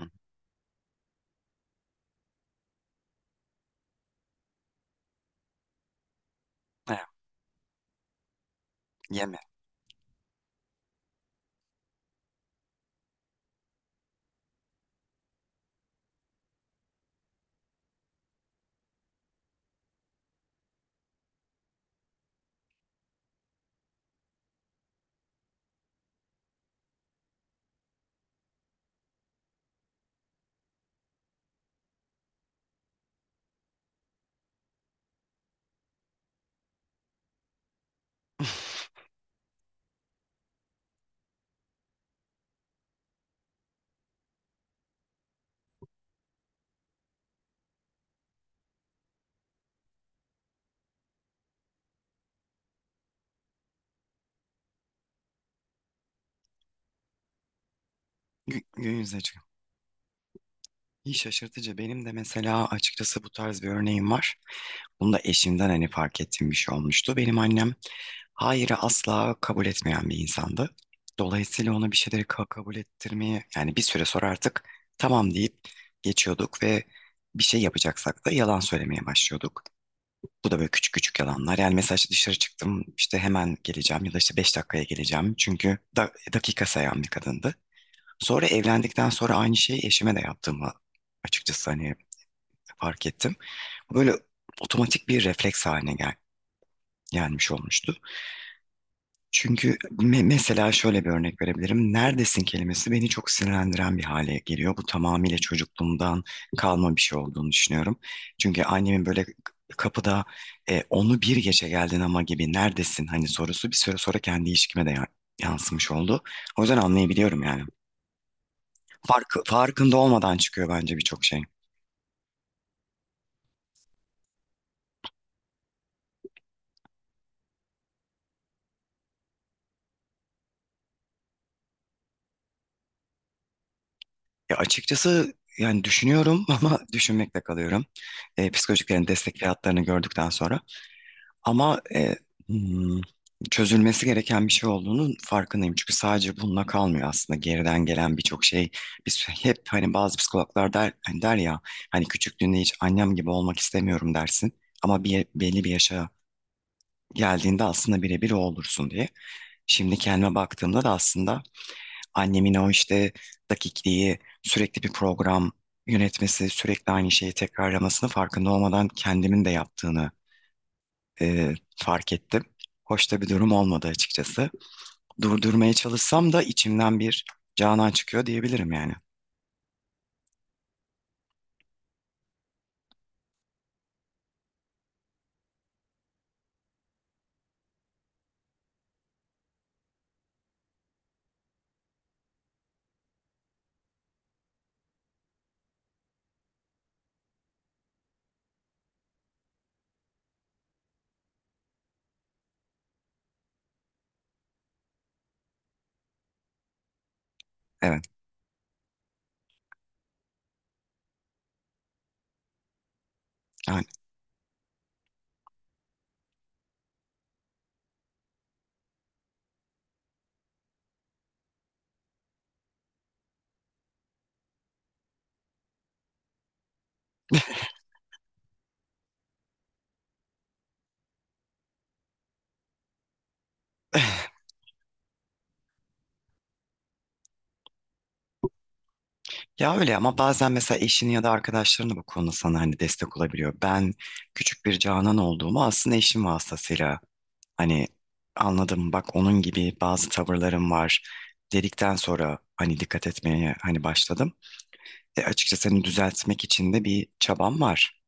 Hı. Evet, yeme. Gün yüzeceğim. İyi şaşırtıcı. Benim de mesela açıkçası bu tarz bir örneğim var. Bunu da eşimden hani fark ettiğim bir şey olmuştu. Benim annem hayırı asla kabul etmeyen bir insandı. Dolayısıyla ona bir şeyleri kabul ettirmeyi yani bir süre sonra artık tamam deyip geçiyorduk ve bir şey yapacaksak da yalan söylemeye başlıyorduk. Bu da böyle küçük küçük yalanlar. Yani mesela işte dışarı çıktım işte hemen geleceğim ya da işte beş dakikaya geleceğim. Çünkü dakika sayan bir kadındı. Sonra evlendikten sonra aynı şeyi eşime de yaptığımı açıkçası hani fark ettim. Bu böyle otomatik bir refleks haline gelmiş olmuştu. Çünkü mesela şöyle bir örnek verebilirim. Neredesin kelimesi beni çok sinirlendiren bir hale geliyor. Bu tamamıyla çocukluğumdan kalma bir şey olduğunu düşünüyorum. Çünkü annemin böyle kapıda onu bir gece geldin ama gibi neredesin hani sorusu bir süre sonra kendi ilişkime de yansımış oldu. O yüzden anlayabiliyorum yani. Farkında olmadan çıkıyor bence birçok şey. Ya açıkçası yani düşünüyorum ama düşünmekle kalıyorum. Psikolojiklerin destekli hatlarını gördükten sonra. Ama hmm, çözülmesi gereken bir şey olduğunun farkındayım. Çünkü sadece bununla kalmıyor aslında. Geriden gelen birçok şey. Biz hep hani bazı psikologlar der, hani der ya hani küçüklüğünde hiç annem gibi olmak istemiyorum dersin. Ama belli bir yaşa geldiğinde aslında birebir o olursun diye. Şimdi kendime baktığımda da aslında annemin o işte dakikliği, sürekli bir program yönetmesi, sürekli aynı şeyi tekrarlamasını farkında olmadan kendimin de yaptığını fark ettim. Hoş da bir durum olmadı açıkçası. Durdurmaya çalışsam da içimden bir Canan çıkıyor diyebilirim yani. Evet, yani. Ya öyle ama bazen mesela eşini ya da arkadaşların bu konuda sana hani destek olabiliyor. Ben küçük bir Canan olduğumu aslında eşim vasıtasıyla hani anladım, bak onun gibi bazı tavırlarım var dedikten sonra hani dikkat etmeye hani başladım. Açıkçası hani düzeltmek için de bir çabam var.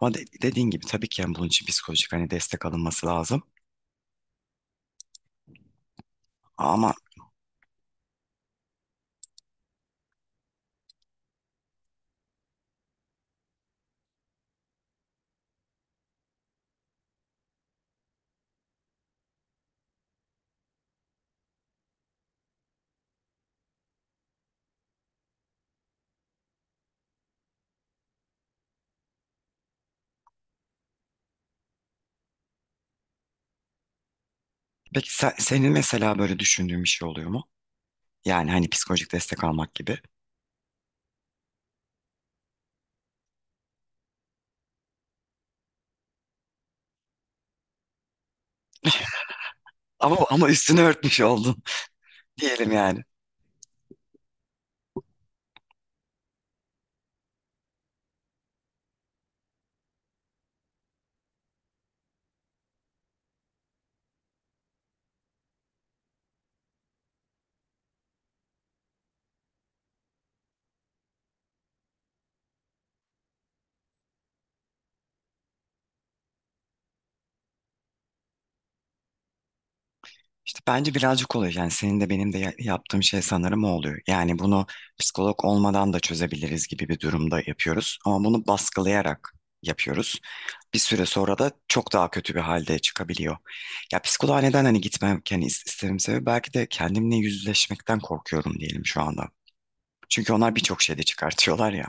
Ama dediğin gibi tabii ki yani bunun için psikolojik hani destek alınması lazım. Ama peki senin mesela böyle düşündüğün bir şey oluyor mu? Yani hani psikolojik destek almak gibi. Ama üstünü örtmüş oldun diyelim yani. İşte bence birazcık oluyor. Yani senin de benim de yaptığım şey sanırım o oluyor. Yani bunu psikolog olmadan da çözebiliriz gibi bir durumda yapıyoruz. Ama bunu baskılayarak yapıyoruz. Bir süre sonra da çok daha kötü bir halde çıkabiliyor. Ya psikoloğa neden hani gitmem hani istemem sebebi belki de kendimle yüzleşmekten korkuyorum diyelim şu anda. Çünkü onlar birçok şeyde çıkartıyorlar ya.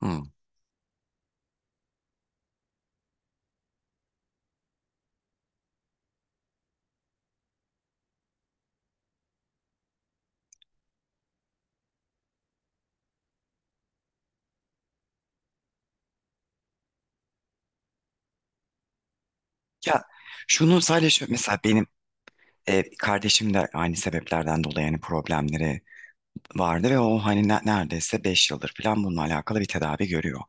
Hmm. Ya şunu sadece mesela benim kardeşim de aynı sebeplerden dolayı yani problemleri vardı ve o hani neredeyse 5 yıldır falan bununla alakalı bir tedavi görüyor.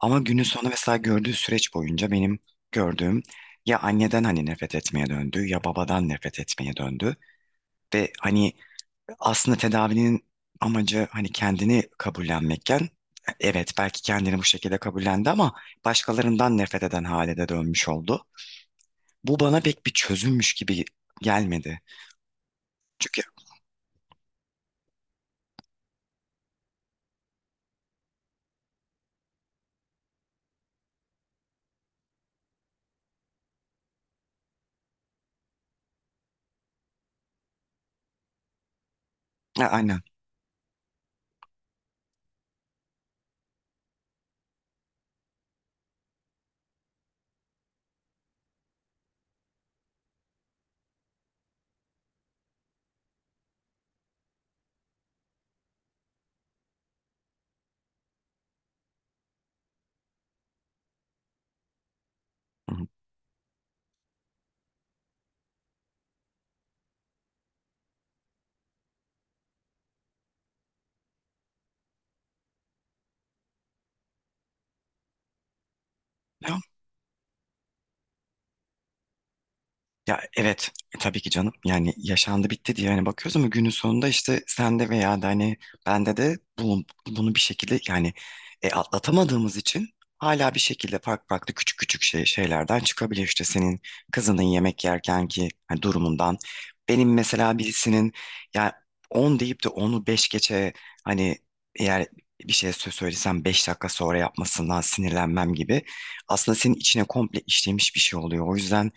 Ama günün sonu mesela gördüğü süreç boyunca benim gördüğüm ya anneden hani nefret etmeye döndü ya babadan nefret etmeye döndü. Ve hani aslında tedavinin amacı hani kendini kabullenmekken evet belki kendini bu şekilde kabullendi ama başkalarından nefret eden hale de dönmüş oldu. Bu bana pek bir çözümmüş gibi gelmedi. Çünkü ha, aynen. Hı hı. Ya evet tabii ki canım yani yaşandı bitti diye hani bakıyoruz ama günün sonunda işte sende veya da hani bende de bunu bir şekilde yani atlatamadığımız için hala bir şekilde farklı farklı küçük küçük şeylerden çıkabiliyor işte senin kızının yemek yerken ki hani durumundan benim mesela birisinin ya 10 deyip de onu 5 geçe hani eğer bir şey söylesem 5 dakika sonra yapmasından sinirlenmem gibi aslında senin içine komple işlemiş bir şey oluyor o yüzden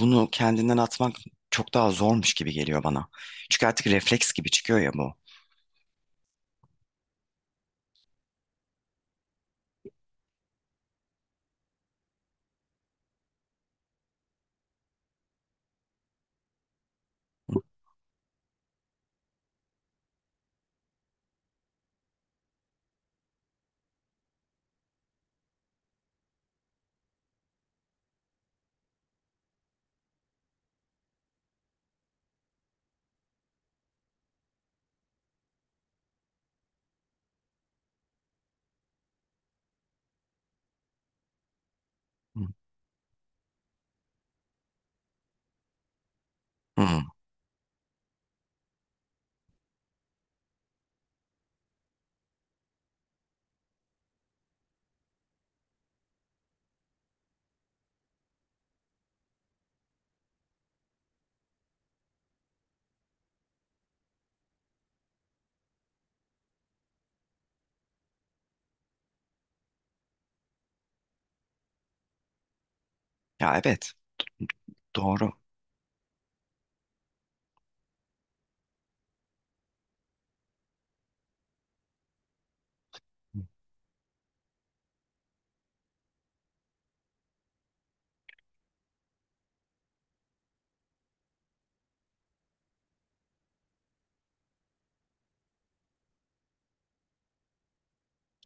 bunu kendinden atmak çok daha zormuş gibi geliyor bana. Çünkü artık refleks gibi çıkıyor ya bu. Hı. Hı. Ya evet, doğru.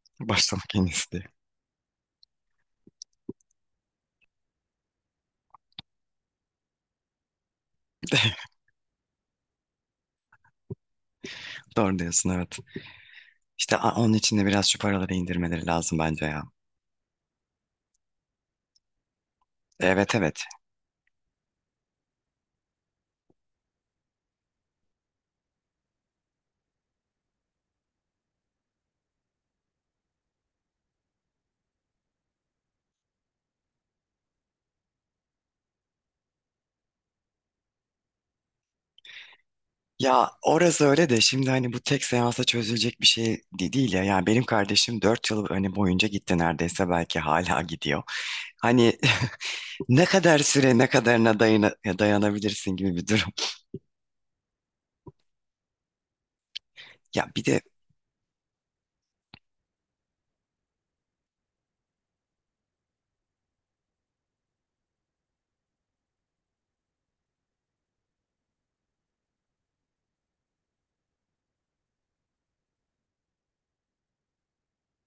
Başlamak en iyisi diye. Doğru diyorsun evet. İşte onun için de biraz şu paraları indirmeleri lazım bence ya. Evet, evet. Ya orası öyle de şimdi hani bu tek seansa çözülecek bir şey değil ya. Yani benim kardeşim 4 yıl hani boyunca gitti neredeyse belki hala gidiyor. Hani ne kadar süre ne kadarına dayanabilirsin gibi bir durum. Ya bir de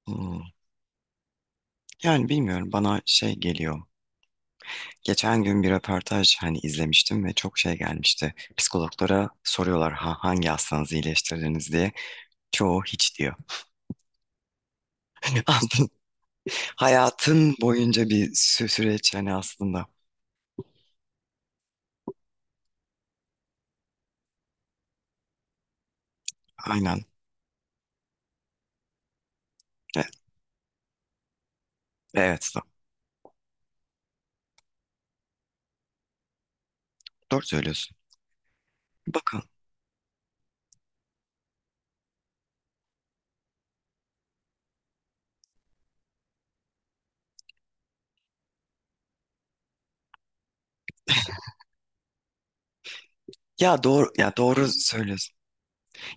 hmm, yani bilmiyorum bana şey geliyor. Geçen gün bir röportaj hani izlemiştim ve çok şey gelmişti. Psikologlara soruyorlar, ha, hangi hastanızı iyileştirdiniz diye. Çoğu hiç diyor. Aldın. Hayatın boyunca bir süreç yani aslında. Aynen. Evet, evet doğru söylüyorsun. Bakın. Ya doğru, ya doğru söylüyorsun.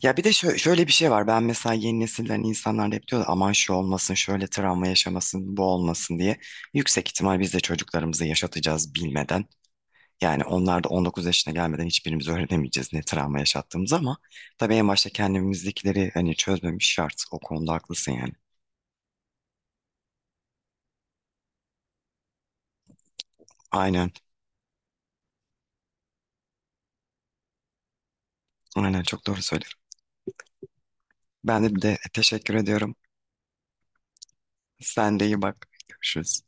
Ya bir de şöyle bir şey var. Ben mesela, yeni nesilden insanlar da hep diyor aman şu olmasın, şöyle travma yaşamasın, bu olmasın diye. Yüksek ihtimal biz de çocuklarımızı yaşatacağız bilmeden. Yani onlar da 19 yaşına gelmeden hiçbirimiz öğrenemeyeceğiz ne travma yaşattığımızı, ama tabii en başta kendimizdekileri hani çözmemiş şart. O konuda haklısın yani. Aynen. Aynen çok doğru söylüyorsun. Ben de teşekkür ediyorum. Sen de iyi bak. Görüşürüz.